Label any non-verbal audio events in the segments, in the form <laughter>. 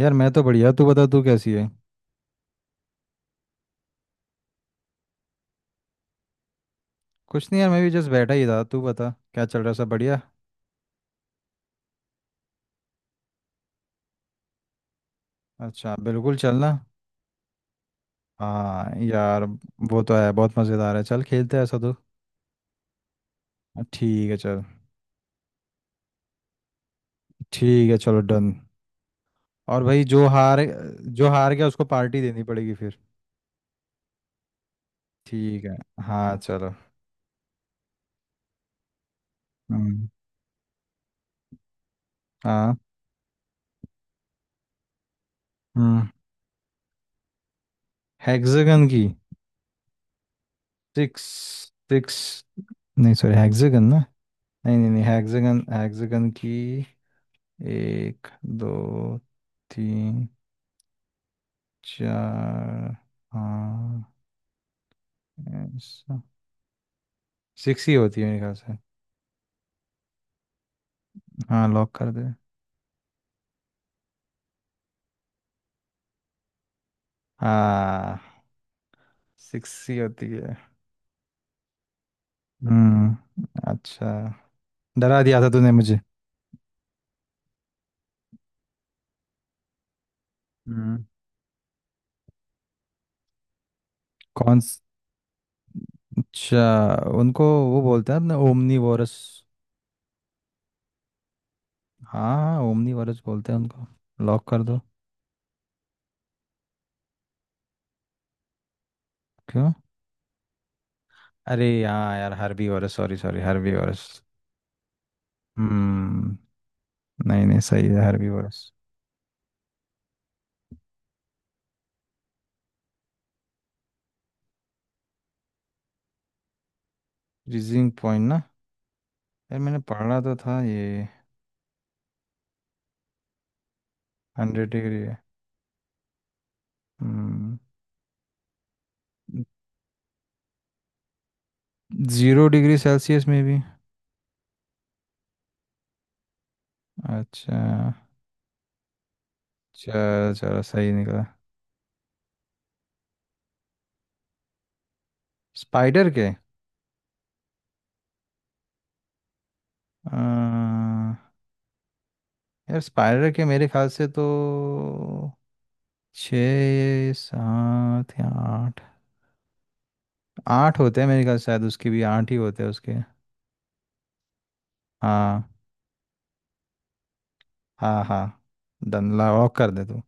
यार मैं तो बढ़िया। तू बता तू कैसी है? कुछ नहीं यार, मैं भी जस्ट बैठा ही था। तू बता क्या चल रहा है, सब बढ़िया? अच्छा बिल्कुल, चलना। हाँ यार। वो तो है, बहुत मज़ेदार है, चल खेलते हैं ऐसा तो। ठीक है चल। ठीक है चलो डन। और भाई, जो हार गया उसको पार्टी देनी पड़ेगी फिर। ठीक है। हाँ चलो। हम्म। हाँ। हम्म। हेक्सागन की? सिक्स। सिक्स, नहीं सॉरी, हेक्सागन ना। नहीं नहीं नहीं, हेक्सागन, हेक्सागन की। एक, दो, तीन, चार, हाँ। ऐसा। सिक्स ही होती है मेरे ख्याल से। हाँ लॉक कर दे। हाँ। सिक्स ही होती है। हम्म। अच्छा। डरा दिया था तूने मुझे। हम्म। कौन स- अच्छा। उनको वो बोलते हैं अपने, ओमनी वोरस। हाँ हाँ, ओमनी वोरस बोलते हैं उनको। लॉक कर दो। क्यों? अरे हाँ यार, herbivores, sorry sorry, herbivores. हम्म। नहीं नहीं, सही है हर्बी। रीजिंग पॉइंट ना। यार मैंने पढ़ा तो था ये। 100 डिग्री है। हम्म। 0 डिग्री सेल्सियस में भी। अच्छा। चलो चलो, सही निकला। स्पाइडर के? अ, यार स्पाइडर के मेरे ख्याल से तो छः, सात या आठ। आठ होते हैं मेरे ख्याल से, शायद उसके भी आठ ही होते हैं उसके। हाँ। हाँ हाँ। डन ला, लॉक कर दे तू।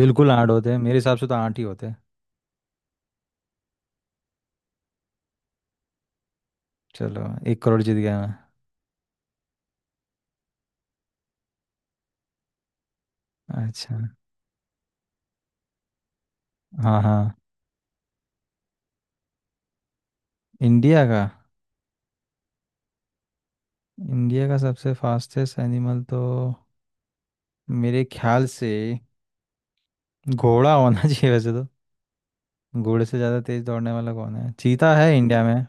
बिल्कुल आठ होते हैं, मेरे हिसाब से तो आठ ही होते हैं। चलो 1 करोड़ जीत गया मैं। अच्छा। हाँ हाँ। इंडिया का? इंडिया का सबसे फास्टेस्ट एनिमल तो मेरे ख्याल से घोड़ा होना <laughs> चाहिए वैसे तो। घोड़े से ज़्यादा तेज दौड़ने वाला कौन है, चीता है इंडिया में।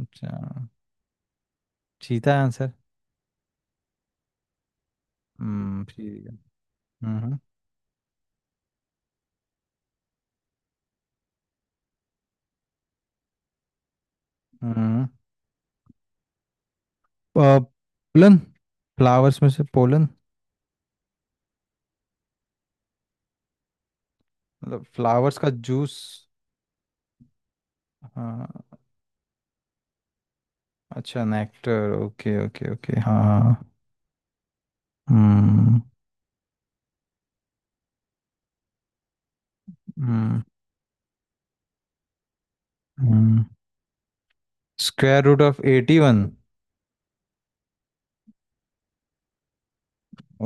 अच्छा। चीता है आंसर। हम्म, ठीक है। हम्म। हम्म। पोलन, फ्लावर्स में से पोलन। मतलब फ्लावर्स का जूस। हाँ। अच्छा, नेक्टर, ओके ओके ओके, हाँ हाँ। हम्म। हम्म। Square root of 81?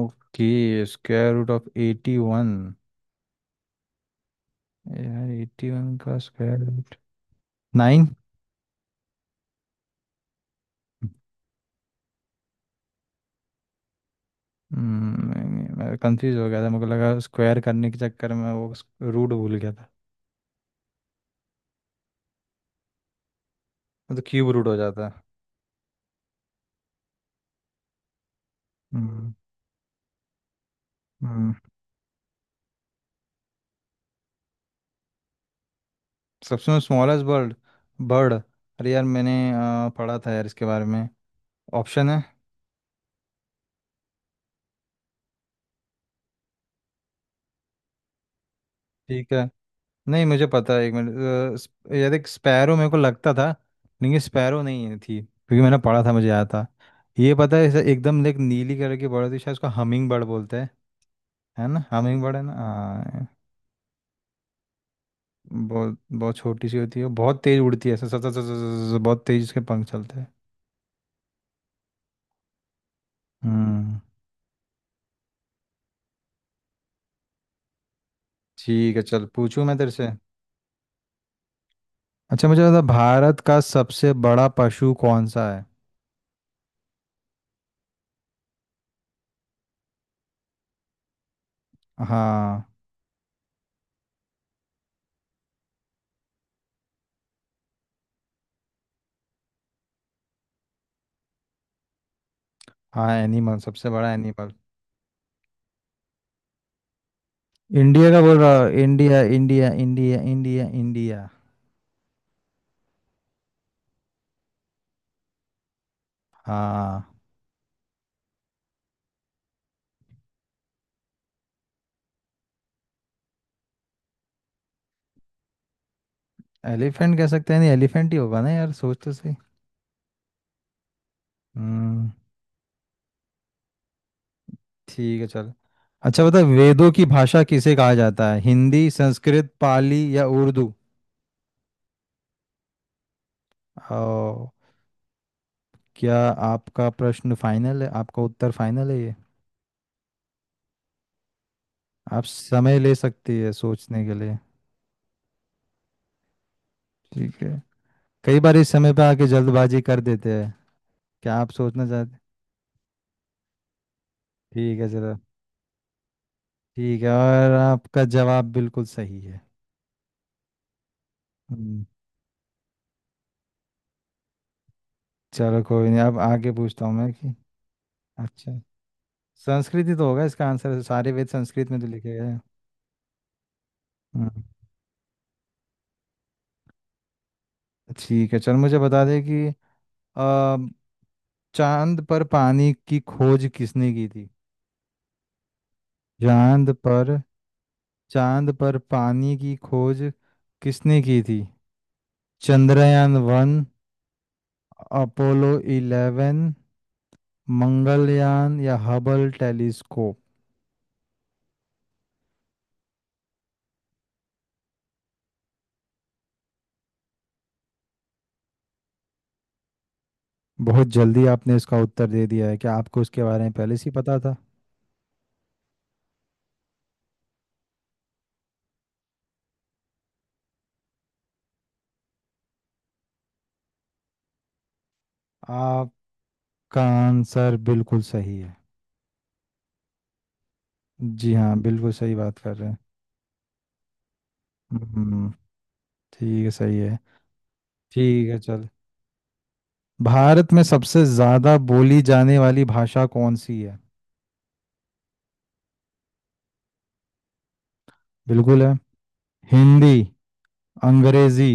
Okay, square root of 81। यार 81 का स्क्वायर रूट। नाइन। मैं कंफ्यूज हो गया था, मुझे लगा स्क्वायर करने के चक्कर में वो रूट भूल गया था। वो तो क्यूब रूट हो जाता। हम्म। हम्म। सबसे स्मॉलेस्ट बर्ड? बर्ड, अरे यार मैंने पढ़ा था यार इसके बारे में। ऑप्शन है? ठीक है। नहीं मुझे पता है, एक मिनट। यार एक स्पैरो मेरे को लगता था। लेकिन ये स्पैरो नहीं थी, क्योंकि मैंने पढ़ा था, मुझे याद था। ये पता है, ऐसे एकदम एक नीली कलर की बर्ड थी, शायद उसको हमिंग बर्ड बोलते हैं। है ना, हमिंग बर्ड है ना, हाँ। बहुत बहुत छोटी सी होती है, बहुत तेज उड़ती है, ऐसे सत सत सत सत- सत- बहुत तेज इसके पंख चलते हैं। हम्म। ठीक है चल, पूछूं मैं तेरे से। अच्छा मुझे बता, भारत का सबसे बड़ा पशु कौन सा है? हाँ। हाँ एनिमल, सबसे बड़ा एनिमल। इंडिया का बोल रहा हूँ, India India India India India. हाँ। एलिफेंट कह सकते हैं, नहीं एलिफेंट ही होगा ना यार, सोच तो सही। हम्म। ठीक है चल। अच्छा बता, वेदों की भाषा किसे कहा जाता है, हिंदी, संस्कृत, पाली या उर्दू? ओ, क्या? आपका उत्तर फाइनल है ये? आप समय ले सकती है सोचने के लिए। ठीक है। कई बार इस समय पे आके जल्दबाजी कर देते हैं। क्या आप सोचना चाहते? ठीक है चलो। ठीक है, और आपका जवाब बिल्कुल सही है। हम्म। चलो, कोई नहीं, अब आगे पूछता हूँ मैं कि, अच्छा, संस्कृत ही तो होगा इसका आंसर, सारे वेद संस्कृत में तो लिखे गए हैं। हम्म। ठीक है चल, मुझे बता दे कि अ, चांद पर पानी की खोज किसने की थी। चांद पर चांद पर पानी की खोज किसने की थी? चंद्रयान-1, अपोलो 11, मंगलयान या हबल टेलीस्कोप? बहुत जल्दी आपने इसका उत्तर दे दिया है, क्या आपको इसके बारे में पहले से ही पता था? आपका आंसर बिल्कुल सही है। जी हाँ, बिल्कुल सही बात कर रहे हैं। हम्म। ठीक है, सही है। ठीक है चल। भारत में सबसे ज्यादा बोली जाने वाली भाषा कौन सी है? बिल्कुल है। हिंदी, अंग्रेजी,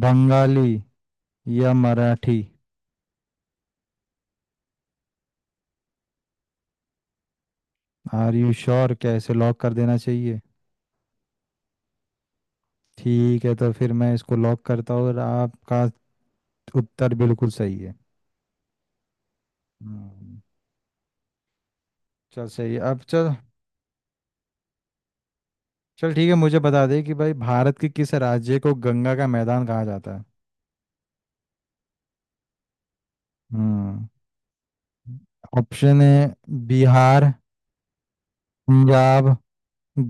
बंगाली या मराठी? आर यू श्योर, क्या इसे लॉक कर देना चाहिए? ठीक है, तो फिर मैं इसको लॉक करता हूँ, और आपका उत्तर बिल्कुल सही है। हम्म। चल सही है, अब चल। चल ठीक है मुझे बता दे कि भाई, भारत के किस राज्य को गंगा का मैदान कहा जाता है? हम्म। ऑप्शन है? बिहार, पंजाब,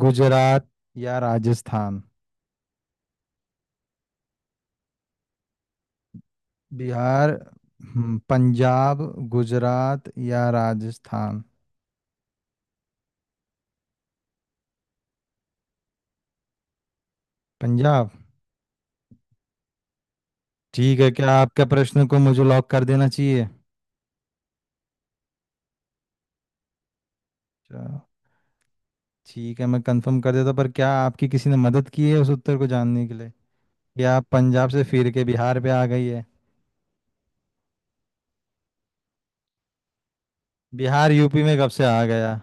गुजरात या राजस्थान? बिहार, पंजाब, गुजरात या राजस्थान? पंजाब? ठीक है, क्या आपके प्रश्न को मुझे लॉक कर देना चाहिए? अच्छा, ठीक है, मैं कंफर्म कर देता, पर क्या आपकी किसी ने मदद की है उस उत्तर को जानने के लिए? या आप पंजाब से फिर के बिहार पे आ गई है? बिहार यूपी में कब से आ गया?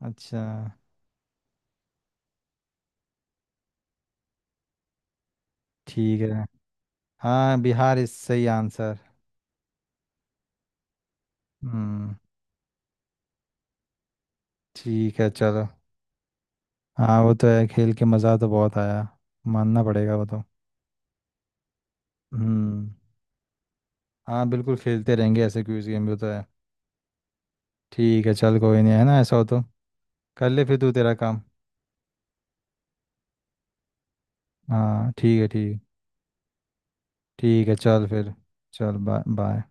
अच्छा। ठीक है। हाँ, बिहार इस सही आंसर। हम्म। ठीक है चलो। हाँ वो तो है, खेल के मज़ा तो बहुत आया। मानना पड़ेगा वो तो। हम्म। हाँ बिल्कुल खेलते रहेंगे ऐसे, क्विज गेम भी तो है। ठीक है चल, कोई नहीं, है ना ऐसा हो तो कर ले फिर तू तेरा काम। हाँ ठीक है, ठीक। ठीक है चल फिर। चल बाय बाय।